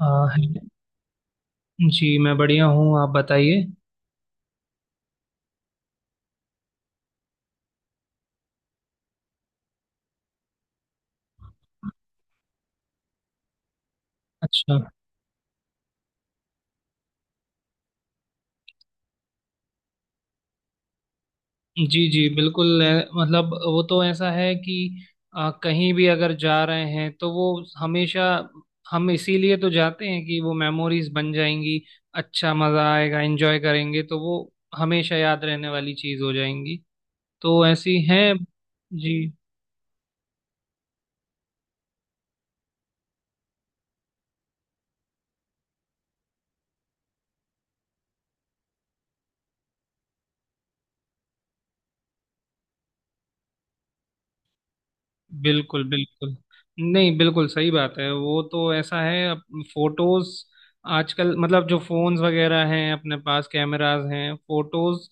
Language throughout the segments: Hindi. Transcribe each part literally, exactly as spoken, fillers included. आ, है- जी, मैं बढ़िया हूँ। आप बताइए। अच्छा। जी जी, बिल्कुल। ए, मतलब वो तो ऐसा है कि आ, कहीं भी अगर जा रहे हैं तो वो हमेशा, हम इसीलिए तो जाते हैं कि वो मेमोरीज बन जाएंगी। अच्छा मज़ा आएगा, एंजॉय करेंगे, तो वो हमेशा याद रहने वाली चीज़ हो जाएंगी। तो ऐसी हैं। जी। बिल्कुल बिल्कुल। नहीं, बिल्कुल सही बात है। वो तो ऐसा है अब, फोटोज आजकल मतलब जो फोन्स वगैरह हैं, अपने पास कैमरास हैं, फोटोज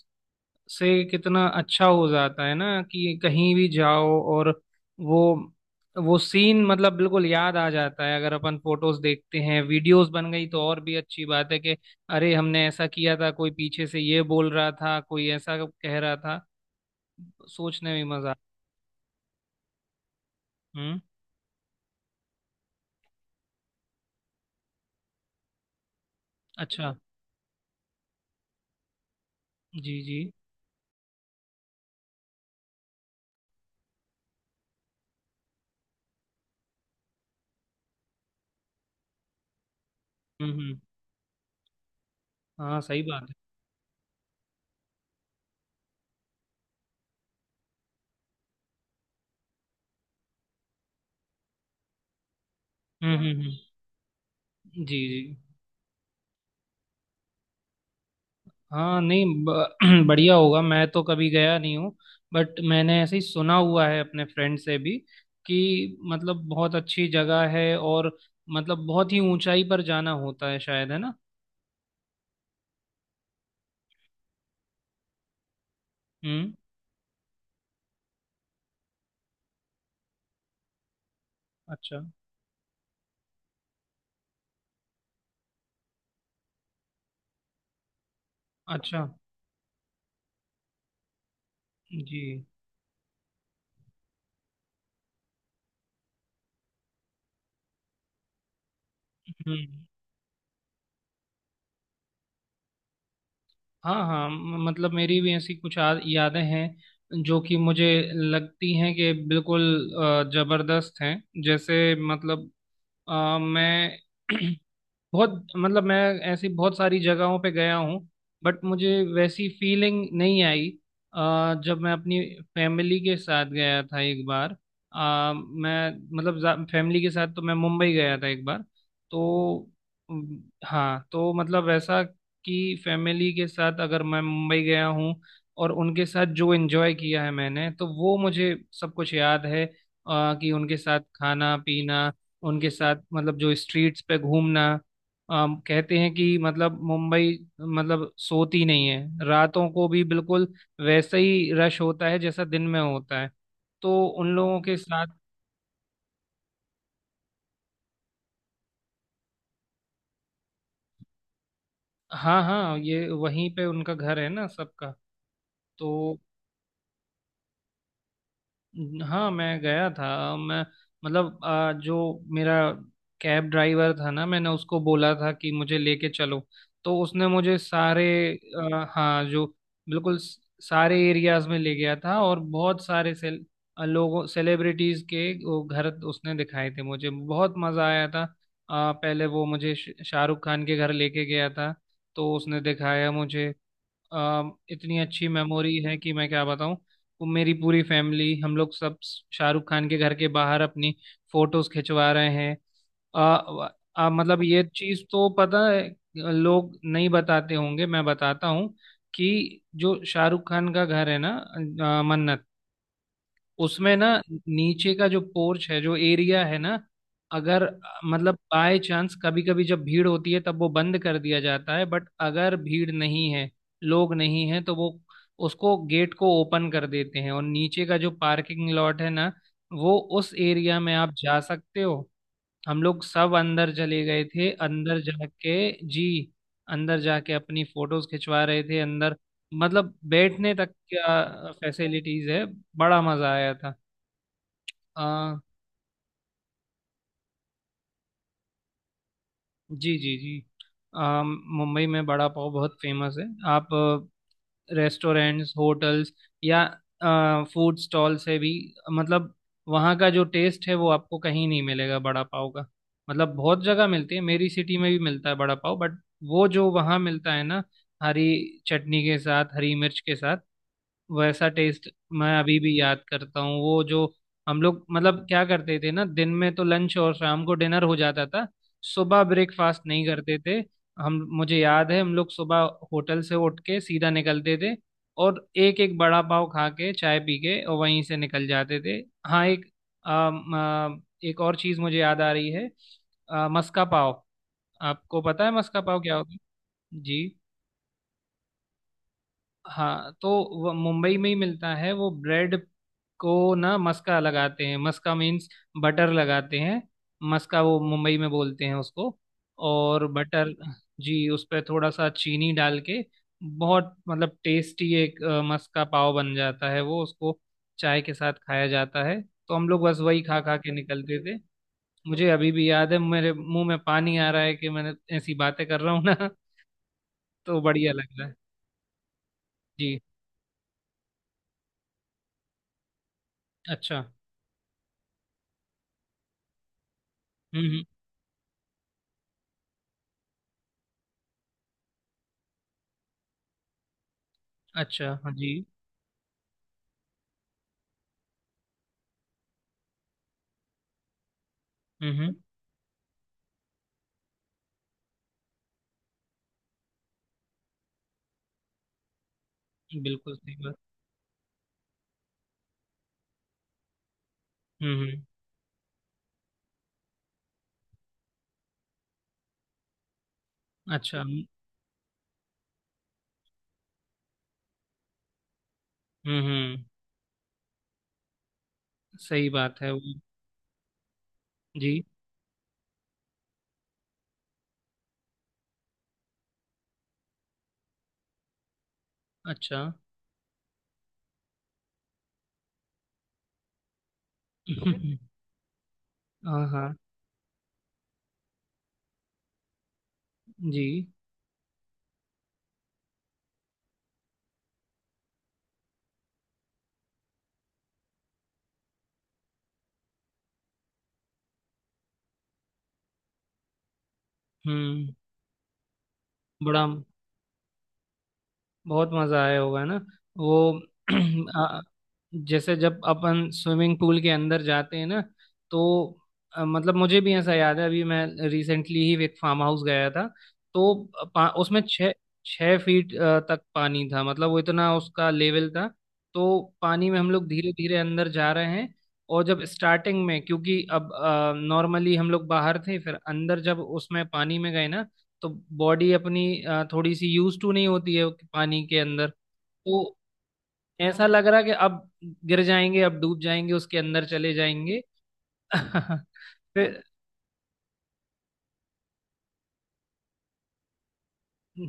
से कितना अच्छा हो जाता है ना कि कहीं भी जाओ और वो वो सीन मतलब बिल्कुल याद आ जाता है। अगर अपन फोटोज देखते हैं, वीडियोस बन गई तो और भी अच्छी बात है कि अरे, हमने ऐसा किया था, कोई पीछे से ये बोल रहा था, कोई ऐसा कह रहा था। सोचने में मजा। हम्म। अच्छा। जी जी। हम्म हम्म। हाँ, सही बात है। हम्म हम्म हम्म, जी जी। हाँ नहीं, ब- बढ़िया होगा, मैं तो कभी गया नहीं हूँ, बट मैंने ऐसे ही सुना हुआ है अपने फ्रेंड से भी कि मतलब बहुत अच्छी जगह है और मतलब बहुत ही ऊंचाई पर जाना होता है शायद, है ना। हम्म। अच्छा। अच्छा। जी। हम्म। हाँ हाँ, म- मतलब मेरी भी ऐसी कुछ आ- यादें हैं जो कि मुझे लगती हैं कि बिल्कुल अ, जबरदस्त हैं। जैसे मतलब अ, मैं बहुत मतलब मैं ऐसी बहुत सारी जगहों पे गया हूँ, बट मुझे वैसी फीलिंग नहीं आई। अ, जब मैं अपनी फैमिली के साथ गया था एक बार, अ, मैं मतलब फैमिली के साथ तो मैं मुंबई गया था एक बार। तो अम, हाँ, तो मतलब वैसा कि फैमिली के साथ अगर मैं मुंबई गया हूँ और उनके साथ जो एंजॉय किया है मैंने, तो वो मुझे सब कुछ याद है। अ, कि उनके साथ खाना पीना, उनके साथ मतलब जो स्ट्रीट्स पे घूमना। अम, कहते हैं कि मतलब मुंबई मतलब सोती नहीं है, रातों को भी बिल्कुल वैसा ही रश होता है जैसा दिन में होता है। तो उन लोगों के साथ। हाँ हाँ, ये वहीं पे उनका घर है ना सबका। तो हाँ, मैं गया था। मैं मतलब आ, जो मेरा कैब ड्राइवर था ना, मैंने उसको बोला था कि मुझे लेके चलो, तो उसने मुझे सारे आ, हाँ, जो बिल्कुल स- सारे एरियाज में ले गया था और बहुत सारे सेल आ, लोगों सेलिब्रिटीज के वो घर उसने दिखाए थे मुझे, बहुत मजा आया था। आ, पहले वो मुझे श- शाहरुख खान के घर लेके गया था, तो उसने दिखाया मुझे। अम, इतनी अच्छी मेमोरी है कि मैं क्या बताऊं। वो मेरी पूरी फैमिली, हम लोग सब शाहरुख खान के घर के बाहर अपनी फोटोज खिंचवा रहे हैं। आ, आ, मतलब ये चीज तो पता है, लोग नहीं बताते होंगे, मैं बताता हूँ कि जो शाहरुख खान का घर है ना, अ, मन्नत, उसमें ना नीचे का जो पोर्च है, जो एरिया है ना, अगर अ, मतलब बाय चांस कभी कभी जब भीड़ होती है, तब वो बंद कर दिया जाता है, बट अगर भीड़ नहीं है, लोग नहीं है, तो वो उसको गेट को ओपन कर देते हैं, और नीचे का जो पार्किंग लॉट है ना, वो उस एरिया में आप जा सकते हो। हम लोग सब अंदर चले गए थे। अंदर जाके, जी, अंदर जाके अपनी फोटोज खिंचवा रहे थे, अंदर मतलब बैठने तक क्या फैसिलिटीज है। बड़ा मजा आया था। आ, जी जी जी। आ, मुंबई में बड़ा पाव बहुत फेमस है। आप अ, रेस्टोरेंट्स, होटल्स, या फूड स्टॉल से भी, मतलब वहाँ का जो टेस्ट है वो आपको कहीं नहीं मिलेगा बड़ा पाव का। मतलब बहुत जगह मिलती है, मेरी सिटी में भी मिलता है बड़ा पाव, बट वो जो वहाँ मिलता है ना, हरी चटनी के साथ, हरी मिर्च के साथ, वैसा टेस्ट। मैं अभी भी याद करता हूँ वो जो हम लोग मतलब क्या करते थे ना, दिन में तो लंच और शाम को डिनर हो जाता था, सुबह ब्रेकफास्ट नहीं करते थे हम। मुझे याद है हम लोग सुबह होटल से उठ के सीधा निकलते थे और एक एक बड़ा पाव खा के, चाय पी के, और वहीं से निकल जाते थे। हाँ, एक अम, अ, एक और चीज़ मुझे याद आ रही है, अ, मस्का पाव। आपको पता है मस्का पाव क्या होता है? जी। हाँ, तो वो मुंबई में ही मिलता है। वो ब्रेड को ना मस्का लगाते हैं। मस्का मीन्स बटर लगाते हैं। मस्का वो मुंबई में बोलते हैं उसको, और बटर। जी। उस पर थोड़ा सा चीनी डाल के बहुत मतलब टेस्टी एक अ, मस्का पाव बन जाता है, वो उसको चाय के साथ खाया जाता है, तो हम लोग बस वही खा खा के निकलते थे। मुझे अभी भी याद है, मेरे मुंह में पानी आ रहा है कि मैंने ऐसी बातें कर रहा हूँ ना। तो बढ़िया लग रहा है। जी। अच्छा। हम्म हम्म, अच्छा। हाँ जी। हम्म हम्म। बिल्कुल सही बात। हम्म हम्म। अच्छा। हम्म हम्म। सही बात है। वो, जी, अच्छा। हम्म, हाँ हाँ। जी। हम्म। बड़ा, बहुत मजा आया होगा ना। वो, आ, जैसे जब अपन स्विमिंग पूल के अंदर जाते हैं ना, तो अ, मतलब मुझे भी ऐसा याद है, अभी मैं रिसेंटली ही एक फार्म हाउस गया था, तो पा, उसमें छः छः फीट अ, तक पानी था, मतलब वो इतना उसका लेवल था। तो पानी में हम लोग धीरे धीरे अंदर जा रहे हैं, और जब स्टार्टिंग में, क्योंकि अब नॉर्मली हम लोग बाहर थे, फिर अंदर जब उसमें पानी में गए ना, तो बॉडी अपनी अ, थोड़ी सी यूज टू नहीं होती है पानी के अंदर, तो ऐसा लग रहा कि अब गिर जाएंगे, अब डूब जाएंगे, उसके अंदर चले जाएंगे। फिर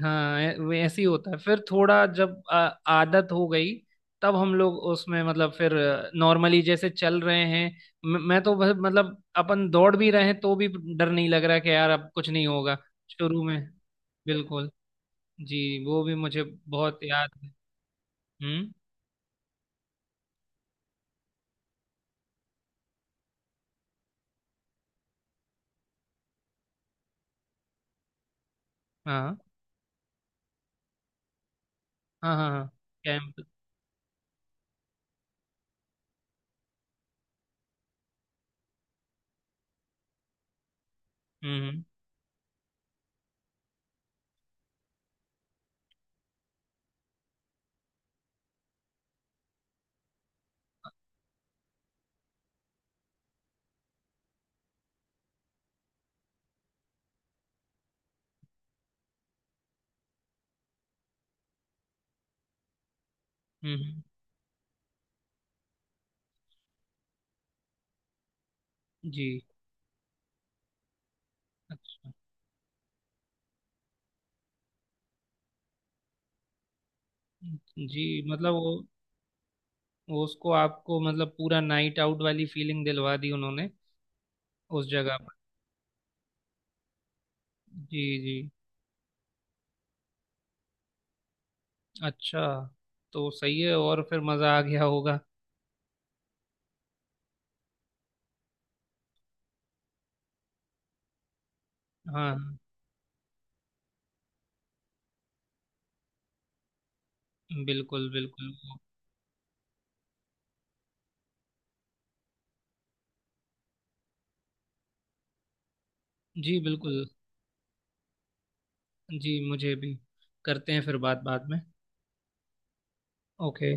हाँ, ऐ- वो ऐसे ही होता है, फिर थोड़ा जब आ, आदत हो गई, तब हम लोग उसमें मतलब फिर नॉर्मली जैसे चल रहे हैं। म- मैं तो बस- मतलब अपन दौड़ भी रहे हैं तो भी डर नहीं लग रहा कि यार अब कुछ नहीं होगा। शुरू में बिल्कुल। जी। वो भी मुझे बहुत याद है। हम्म। हाँ हाँ हाँ हाँ। कैंप। हम्म हम्म हम्म, जी। अच्छा। जी मतलब वो वो उसको आपको मतलब पूरा नाइट आउट वाली फीलिंग दिलवा दी उन्होंने उस जगह पर। जी जी। अच्छा। तो सही है, और फिर मज़ा आ गया होगा। हाँ बिल्कुल बिल्कुल। जी बिल्कुल। जी मुझे भी। करते हैं फिर बात बाद में। ओके।